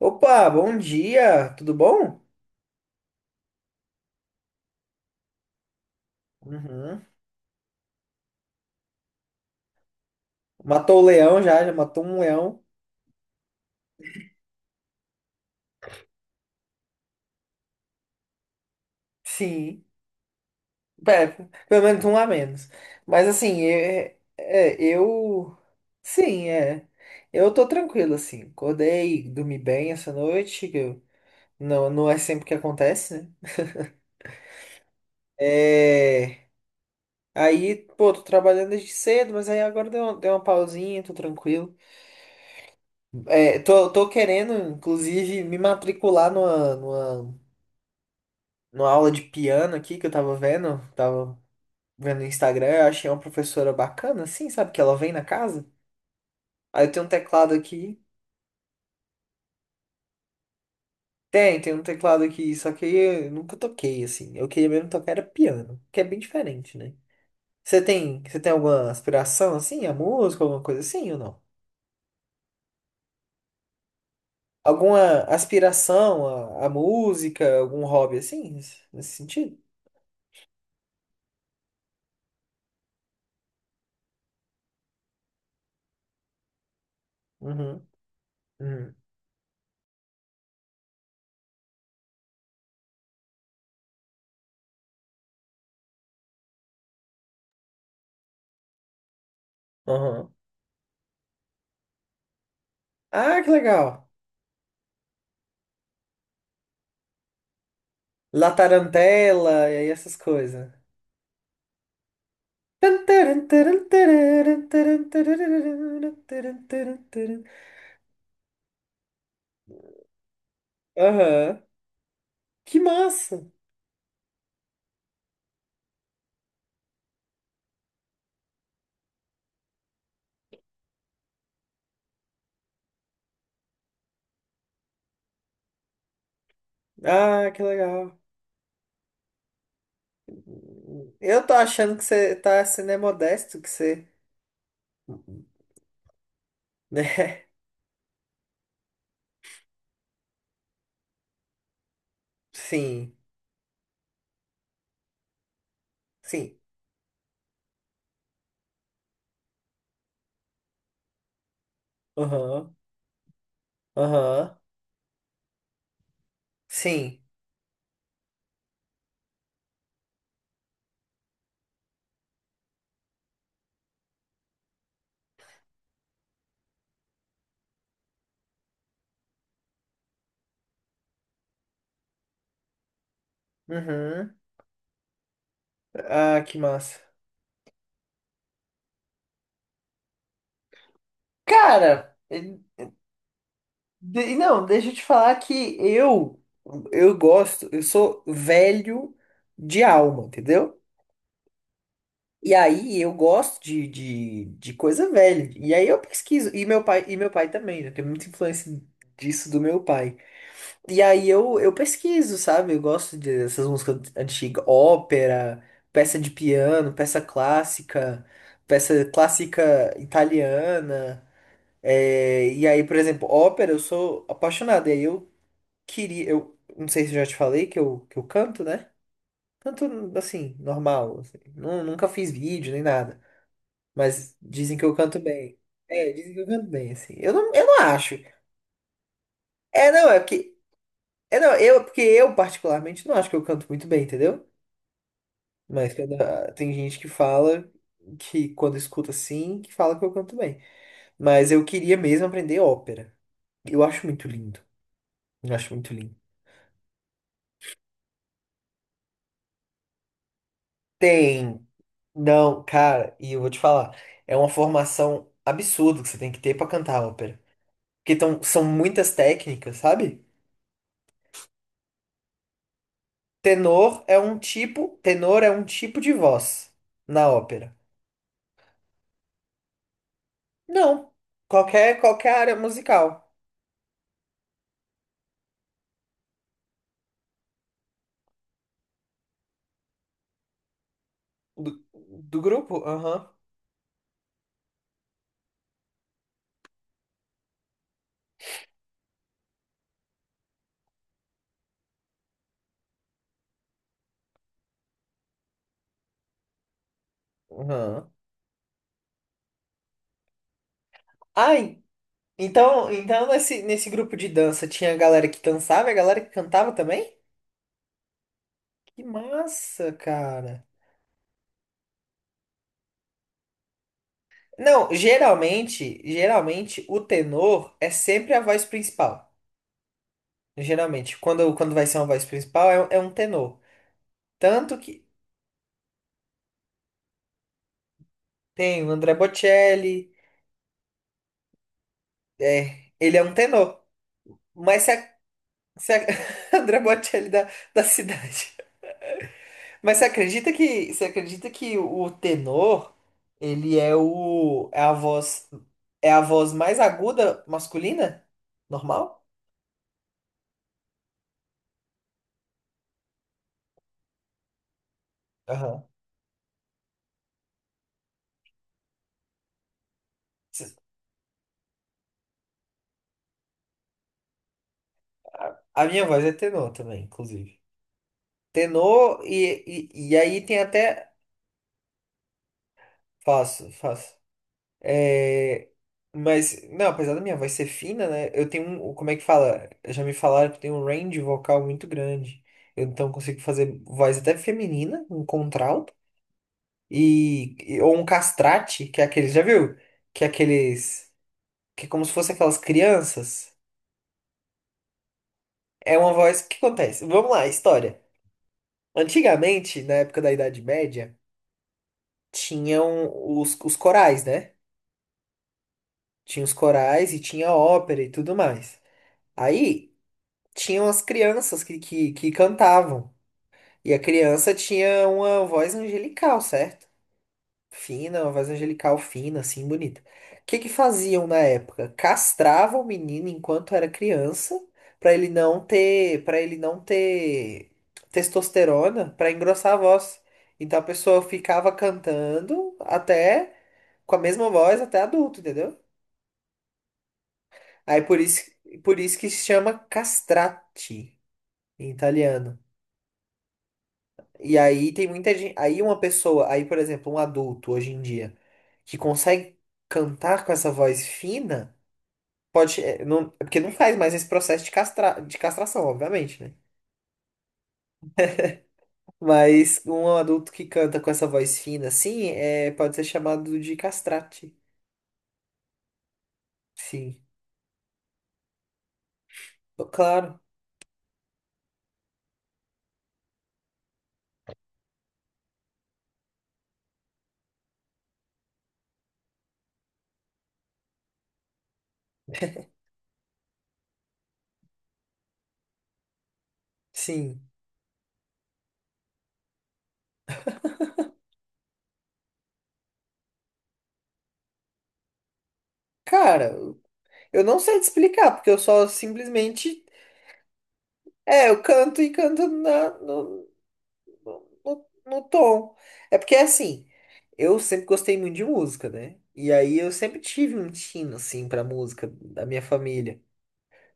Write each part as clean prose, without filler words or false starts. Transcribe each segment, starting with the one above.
Opa, bom dia, tudo bom? Uhum. Matou o leão, já matou um leão. Sim, é, pelo menos um a menos. Mas assim, eu. Sim, é. Eu tô tranquilo, assim. Acordei, dormi bem essa noite, não, não é sempre que acontece, né? É. Aí, pô, tô trabalhando desde cedo, mas aí agora deu, deu uma pausinha, tô tranquilo. É, tô querendo, inclusive, me matricular numa aula de piano aqui que eu tava vendo no Instagram. Eu achei uma professora bacana, assim, sabe? Que ela vem na casa. Aí eu tenho um teclado aqui. Tem, tem um teclado aqui, só que eu nunca toquei, assim. Eu queria mesmo tocar era piano, que é bem diferente, né? Você tem alguma aspiração, assim, a música, alguma coisa assim ou não? Alguma aspiração à música, algum hobby assim, nesse sentido? Uhum, uhum, uhum. Ah, que legal! La tarantela e aí essas coisas. Aham. Que massa! Ah, que legal. Eu tô achando que você tá sendo é modesto, que você, né? Sim, sim. Aham, aham. Sim. Uhum. Ah, que massa. Cara, não, deixa eu te falar que eu eu gosto, eu sou velho de alma, entendeu? E aí eu gosto de coisa velha. E aí eu pesquiso. E meu pai também, né? Tem muita influência disso do meu pai. E aí eu pesquiso, sabe? Eu gosto dessas músicas antigas, ópera, peça de piano, peça clássica italiana. É, e aí, por exemplo, ópera, eu sou apaixonado. E aí eu queria, eu não sei se eu já te falei que eu canto, né? Canto assim, normal. Assim. Nunca fiz vídeo nem nada. Mas dizem que eu canto bem. É, dizem que eu canto bem, assim. Eu não acho. É, não, é porque. É, não, porque eu, particularmente, não acho que eu canto muito bem, entendeu? Mas ah, tem gente que fala que quando escuta assim, que fala que eu canto bem. Mas eu queria mesmo aprender ópera. Eu acho muito lindo. Eu acho muito lindo. Tem. Não, cara, e eu vou te falar. É uma formação absurda que você tem que ter pra cantar ópera. Porque tão, são muitas técnicas, sabe? Tenor é um tipo, tenor é um tipo de voz na ópera. Não, qualquer área musical do grupo. Aham. Aham. Ai, então, então nesse grupo de dança tinha a galera que dançava e a galera que cantava também? Que massa, cara. Não, geralmente o tenor é sempre a voz principal. Geralmente, quando vai ser uma voz principal é, é um tenor. Tanto que tem o André Bocelli. É, ele é um tenor. Mas se a André Bocelli da, da cidade. Mas você acredita que o tenor, ele é o é a voz mais aguda masculina? Normal? Aham. A minha voz é tenor também, inclusive. Tenor e aí tem até faço, faço. É, mas, não, apesar da minha voz ser fina, né? Eu tenho um. Como é que fala? Já me falaram que eu tenho um range vocal muito grande. Eu então consigo fazer voz até feminina, um contralto, ou um castrate, que é aqueles. Já viu? Que é aqueles. Que é como se fosse aquelas crianças. É uma voz. O que acontece? Vamos lá, história. Antigamente, na época da Idade Média, tinham os corais, né? Tinha os corais e tinha ópera e tudo mais. Aí, tinham as crianças que cantavam. E a criança tinha uma voz angelical, certo? Fina, uma voz angelical fina, assim, bonita. O que que faziam na época? Castravam o menino enquanto era criança, para ele não ter, para ele não ter testosterona, para engrossar a voz. Então a pessoa ficava cantando até com a mesma voz até adulto, entendeu? Aí por isso que se chama castrati em italiano. E aí tem muita gente. Aí uma pessoa, aí, por exemplo, um adulto hoje em dia, que consegue cantar com essa voz fina, pode. É, não, é porque não faz mais esse processo de, castra, de castração, obviamente, né? Mas um adulto que canta com essa voz fina, assim, é, pode ser chamado de castrate. Sim. Claro, sim. Cara, eu não sei te explicar, porque eu só simplesmente. É, eu canto e canto na, no- no, no tom. É porque assim, eu sempre gostei muito de música, né? E aí eu sempre tive um tino assim pra música da minha família.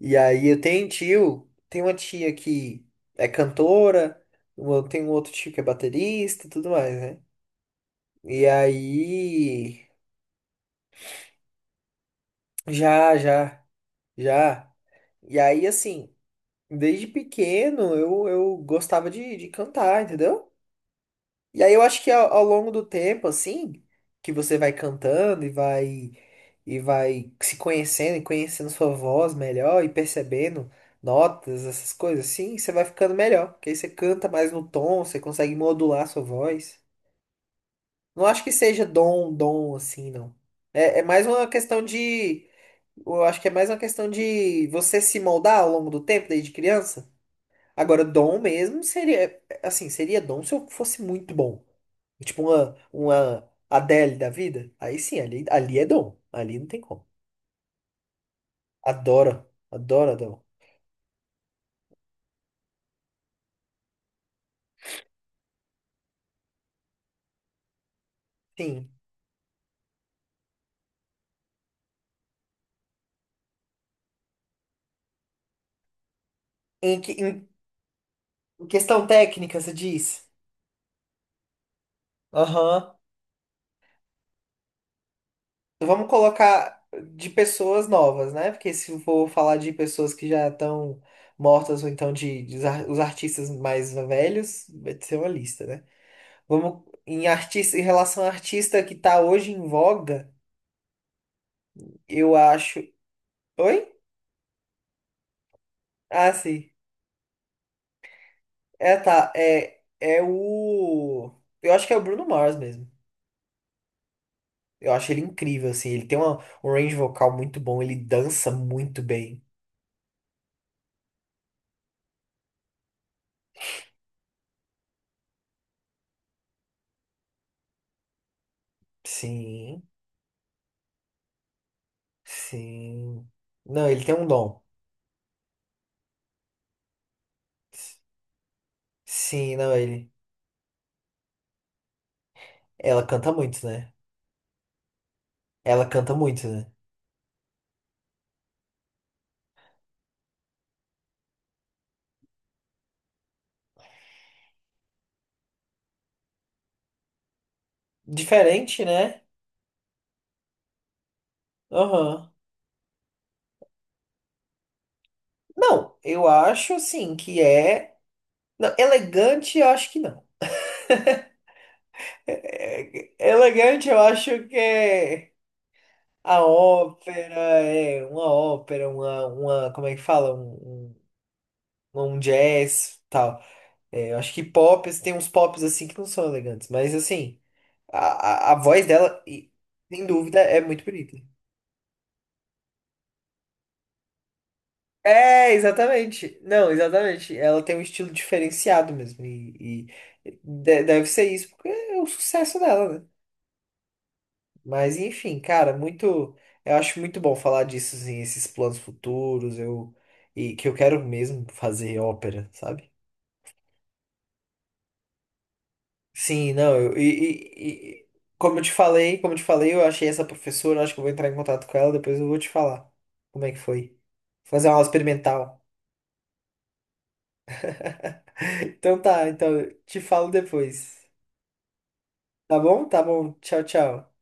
E aí eu tenho um tio, tem uma tia que é cantora, eu tenho um outro tio que é baterista e tudo mais, né? E aí já, já, já. E aí assim, desde pequeno eu gostava de cantar, entendeu? E aí eu acho que ao longo do tempo, assim, que você vai cantando e vai se conhecendo e conhecendo sua voz melhor e percebendo notas, essas coisas assim, você vai ficando melhor, porque aí você canta mais no tom, você consegue modular sua voz. Não acho que seja dom, dom assim, não. É, é mais uma questão de, eu acho que é mais uma questão de você se moldar ao longo do tempo, desde criança. Agora, dom mesmo seria, assim, seria dom se eu fosse muito bom. Tipo uma Adele da vida. Aí sim, ali, ali é dom. Ali não tem como. Adoro, adoro dom. Sim. Em, que- em em questão técnica, você diz? Aham. Vamos colocar de pessoas novas, né? Porque se eu for falar de pessoas que já estão mortas ou então de os artistas mais velhos, vai ser uma lista, né? Vamos em artista, em relação a artista que tá hoje em voga. Eu acho. Oi? Ah, sim. É, tá. É, é o. Eu acho que é o Bruno Mars mesmo. Eu acho ele incrível, assim. Ele tem um range vocal muito bom, ele dança muito bem. Sim, sim. Não, ele tem um dom. Sim, não, ele. Ela canta muito, né? Ela canta muito, né? Diferente, né? Aham. Não, eu acho, assim, que é. Não, elegante, eu acho que não. Elegante, eu acho que é. A ópera, é, uma ópera, uma, como é que fala? Um jazz, tal. É, eu acho que pop, assim, tem uns pops assim que não são elegantes, mas assim, a voz dela, e- sem dúvida, é muito bonita. É, exatamente. Não, exatamente. Ela tem um estilo diferenciado mesmo, e, deve ser isso, porque é o sucesso dela, né? Mas enfim, cara, muito. Eu acho muito bom falar disso, assim, esses planos futuros, eu. E que eu quero mesmo fazer ópera, sabe? Sim, não, eu, e- como eu te falei, como eu te falei, eu achei essa professora, acho que eu vou entrar em contato com ela, depois eu vou te falar como é que foi. Fazer uma aula experimental. Então tá, então te falo depois. Tá bom? Tá bom. Tchau, tchau.